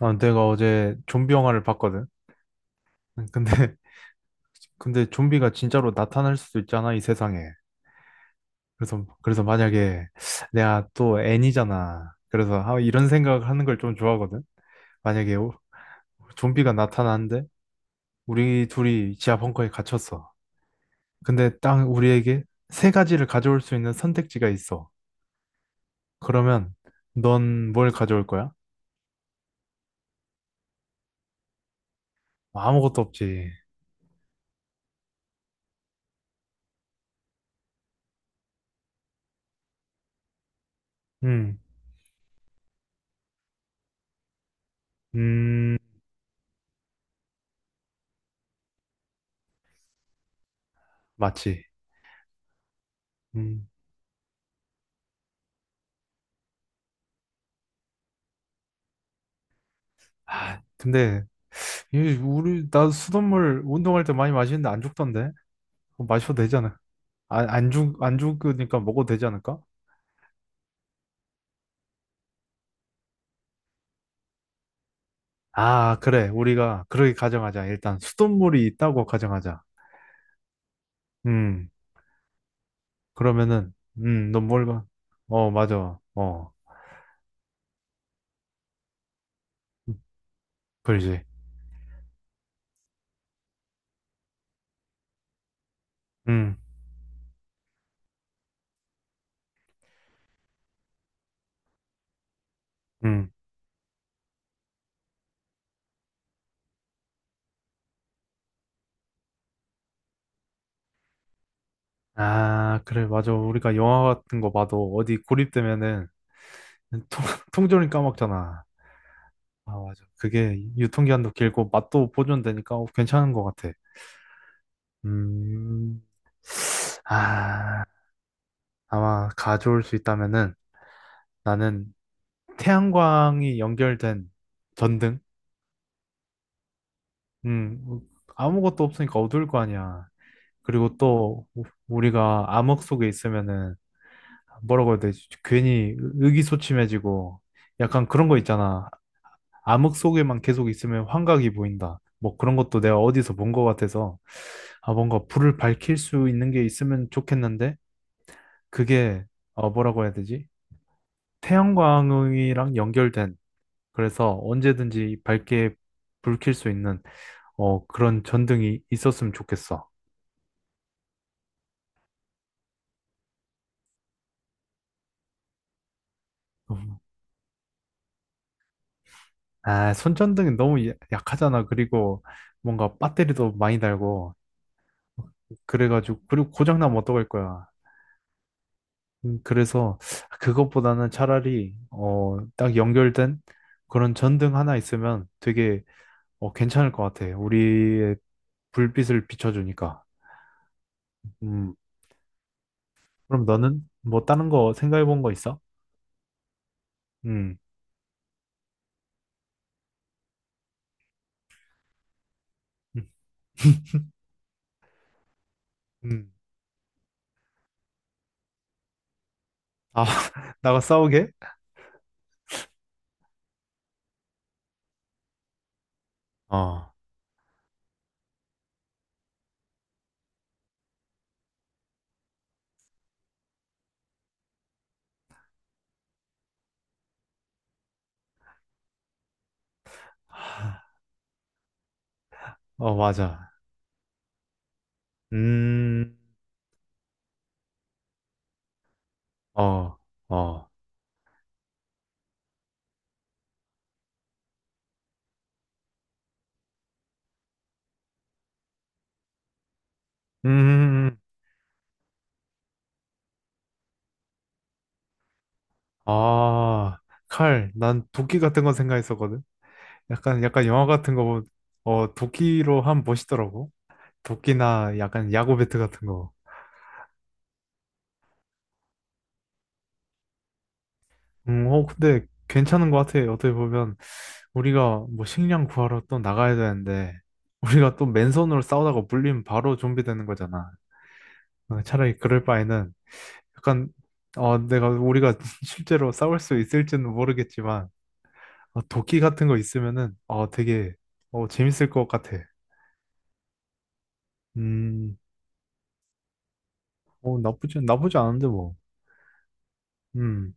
아, 내가 어제 좀비 영화를 봤거든. 근데, 근데 좀비가 진짜로 나타날 수도 있잖아, 이 세상에. 그래서 만약에 내가 또 애니잖아. 그래서 아, 이런 생각을 하는 걸 좀 좋아하거든. 만약에 좀비가 나타나는데 우리 둘이 지하 벙커에 갇혔어. 근데 딱 우리에게 세 가지를 가져올 수 있는 선택지가 있어. 그러면 넌 뭘 가져올 거야? 아무것도 없지. 음, 음, 맞지. 음, 아, 근데 예, 우리 나 수돗물 운동할 때 많이 마시는데 안 죽던데. 그거 마셔도 되잖아. 안 죽으니까 먹어도 되지 않을까? 아, 그래. 우리가 그렇게 가정하자. 일단 수돗물이 있다고 가정하자. 음, 그러면은, 넌 뭘 봐? 어, 맞아. 어, 그러지. 음, 음. 아, 그래. 맞아. 우리가 영화 같은 거 봐도 어디 고립되면은 통, 통조림 까먹잖아. 아, 맞아. 그게 유통기한도 길고 맛도 보존되니까 어, 괜찮은 것 같아. 음. 아, 아마 가져올 수 있다면은 나는 태양광이 연결된 전등? 음, 아무것도 없으니까 어두울 거 아니야. 그리고 또 우리가 암흑 속에 있으면은 뭐라고 해야 되지? 괜히 의기소침해지고 약간 그런 거 있잖아. 암흑 속에만 계속 있으면 환각이 보인다. 뭐 그런 것도 내가 어디서 본 것 같아서 아, 뭔가 불을 밝힐 수 있는 게 있으면 좋겠는데 그게 어, 뭐라고 해야 되지? 태양광이랑 연결된 그래서 언제든지 밝게 불킬 수 있는 어, 그런 전등이 있었으면 좋겠어. 음. 아, 손전등이 너무 약하잖아. 그리고 뭔가 배터리도 많이 달고 그래가지고 그리고 고장나면 어떡할 거야. 그래서 그것보다는 차라리 어, 딱 연결된 그런 전등 하나 있으면 되게 어, 괜찮을 것 같아. 우리의 불빛을 비춰주니까. 음, 그럼 너는 뭐 다른 거 생각해 본 거 있어? 음. 음. 음. 아, 나가 싸우게? 어. 어, 맞아. 음, 어, 어. 음, 아, 칼. 난 도끼 같은 건 생각했었거든. 약간, 약간 영화 같은 거, 어, 도끼로 하면 멋있더라고. 도끼나 약간 야구 배트 같은 거. 어, 근데 괜찮은 것 같아. 어떻게 보면, 우리가 뭐 식량 구하러 또 나가야 되는데, 우리가 또 맨손으로 싸우다가 물리면 바로 좀비 되는 거잖아. 어, 차라리 그럴 바에는, 약간 어, 내가 우리가 실제로 싸울 수 있을지는 모르겠지만 어, 도끼 같은 거 있으면은 어, 되게 어, 재밌을 것 같아. 음, 어, 나쁘지 않은데 뭐. 음,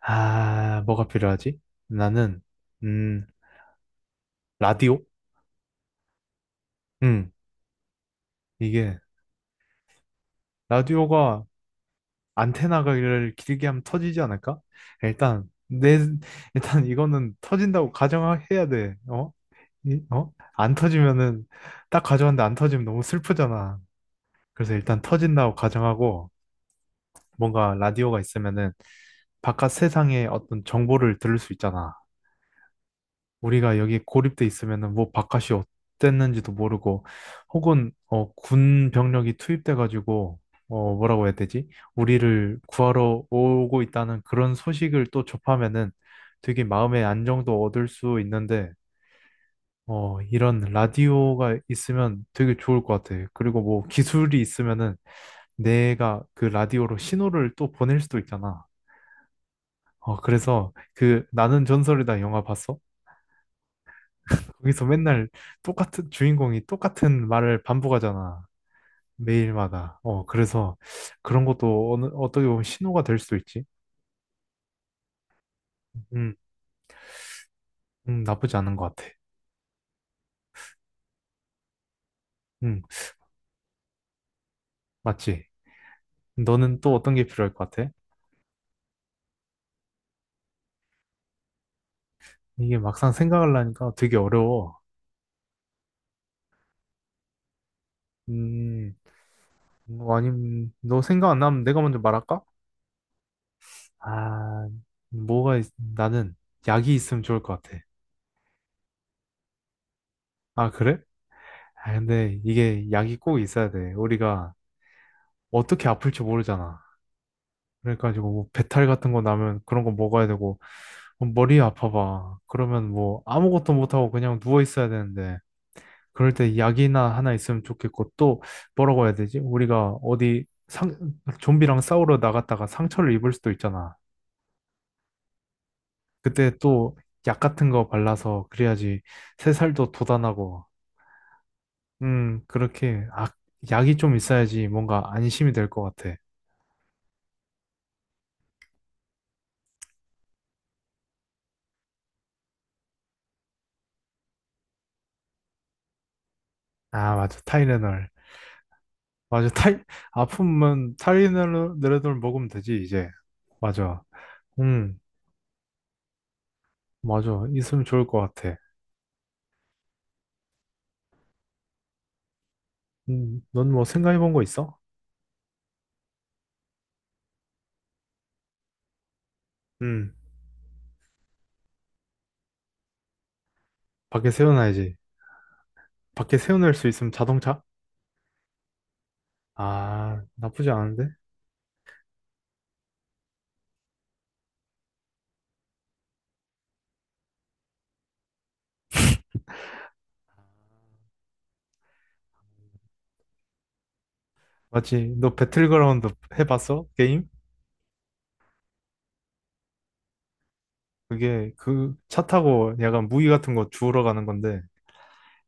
아, 뭐가 필요하지? 나는 음, 라디오? 음, 이게 라디오가 안테나를 길게 하면 터지지 않을까? 일단 내 일단 이거는 터진다고 가정해야 돼. 어? 어? 안 터지면은 딱 가져왔는데 안 터지면 너무 슬프잖아. 그래서 일단 터진다고 가정하고 뭔가 라디오가 있으면은 바깥 세상의 어떤 정보를 들을 수 있잖아. 우리가 여기 고립돼 있으면은 뭐 바깥이 어땠는지도 모르고 혹은 어, 군 병력이 투입돼가지고 어, 뭐라고 해야 되지? 우리를 구하러 오고 있다는 그런 소식을 또 접하면은 되게 마음의 안정도 얻을 수 있는데 어, 이런 라디오가 있으면 되게 좋을 것 같아. 그리고 뭐 기술이 있으면은 내가 그 라디오로 신호를 또 보낼 수도 있잖아. 어, 그래서 그 나는 전설이다 영화 봤어? 거기서 맨날 똑같은 주인공이 똑같은 말을 반복하잖아. 매일마다. 어, 그래서 그런 것도 어떻게 보면 신호가 될 수도 있지. 음, 나쁘지 않은 것 같아. 음, 맞지? 너는 또 어떤 게 필요할 것 같아? 이게 막상 생각하려니까 되게 어려워. 음, 뭐 아님, 너 생각 안 나면 내가 먼저 말할까? 아, 나는 약이 있으면 좋을 것 같아. 아, 그래? 아, 근데 이게 약이 꼭 있어야 돼. 우리가 어떻게 아플지 모르잖아. 그래가지고 뭐 배탈 같은 거 나면 그런 거 먹어야 되고, 뭐 머리 아파봐. 그러면 뭐 아무것도 못하고 그냥 누워 있어야 되는데, 그럴 때 약이나 하나 있으면 좋겠고, 또 뭐라고 해야 되지? 우리가 좀비랑 싸우러 나갔다가 상처를 입을 수도 있잖아. 그때 또 약 같은 거 발라서 그래야지 새살도 돋아나고 그렇게, 아, 약이 좀 있어야지 뭔가 안심이 될 것 같아. 아, 맞아. 타이레놀. 맞아. 아프면 타이레놀 레놀 먹으면 되지, 이제. 맞아. 음, 맞아. 있으면 좋을 것 같아. 넌 뭐 생각해 본 거 있어? 음, 밖에 세워놔야지. 밖에 세워낼 수 있으면 자동차? 아, 나쁘지 않은데? 맞지? 너 배틀그라운드 해봤어? 게임? 그게 그 차 타고 약간 무기 같은 거 주우러 가는 건데,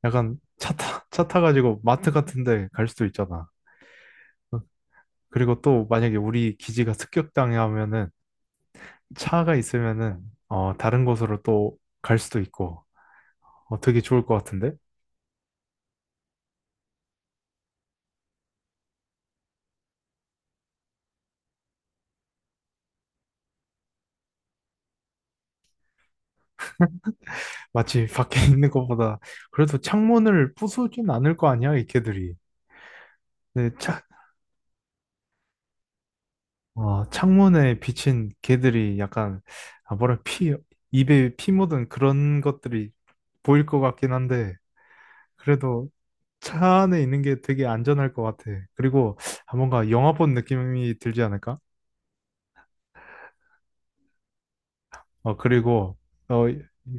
약간 차 타가지고 마트 같은데 갈 수도 있잖아. 어, 그리고 또 만약에 우리 기지가 습격당해 하면은 차가 있으면은 어, 다른 곳으로 또 갈 수도 있고 어, 되게 좋을 것 같은데? 마치 밖에 있는 것보다 그래도 창문을 부수진 않을 거 아니야, 이 개들이. 근데 차, 어, 창문에 비친 개들이 약간 아, 뭐랄 피 입에 피 묻은 그런 것들이 보일 것 같긴 한데 그래도 차 안에 있는 게 되게 안전할 것 같아. 그리고 아, 뭔가 영화 본 느낌이 들지 않을까? 어, 그리고 어,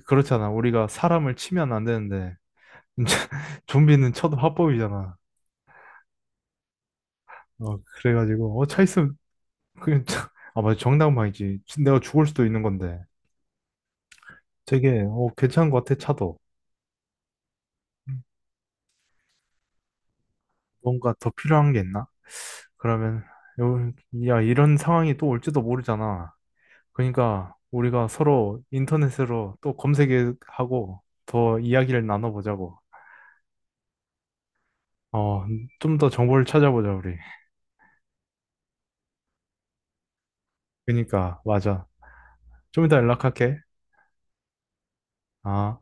그렇잖아. 우리가 사람을 치면 안 되는데 좀비는 쳐도 합법이잖아. 어, 그래가지고 어, 차 있으면 아, 맞아. 정당방이지. 내가 죽을 수도 있는 건데. 되게 어, 괜찮은 것 같아. 차도. 음, 뭔가 더 필요한 게 있나? 그러면 요- 야, 이런 상황이 또 올지도 모르잖아. 그러니까 우리가 서로 인터넷으로 또 검색하고 더 이야기를 나눠보자고. 어, 좀 더 정보를 찾아보자, 우리. 그러니까, 맞아. 좀 이따 연락할게. 아.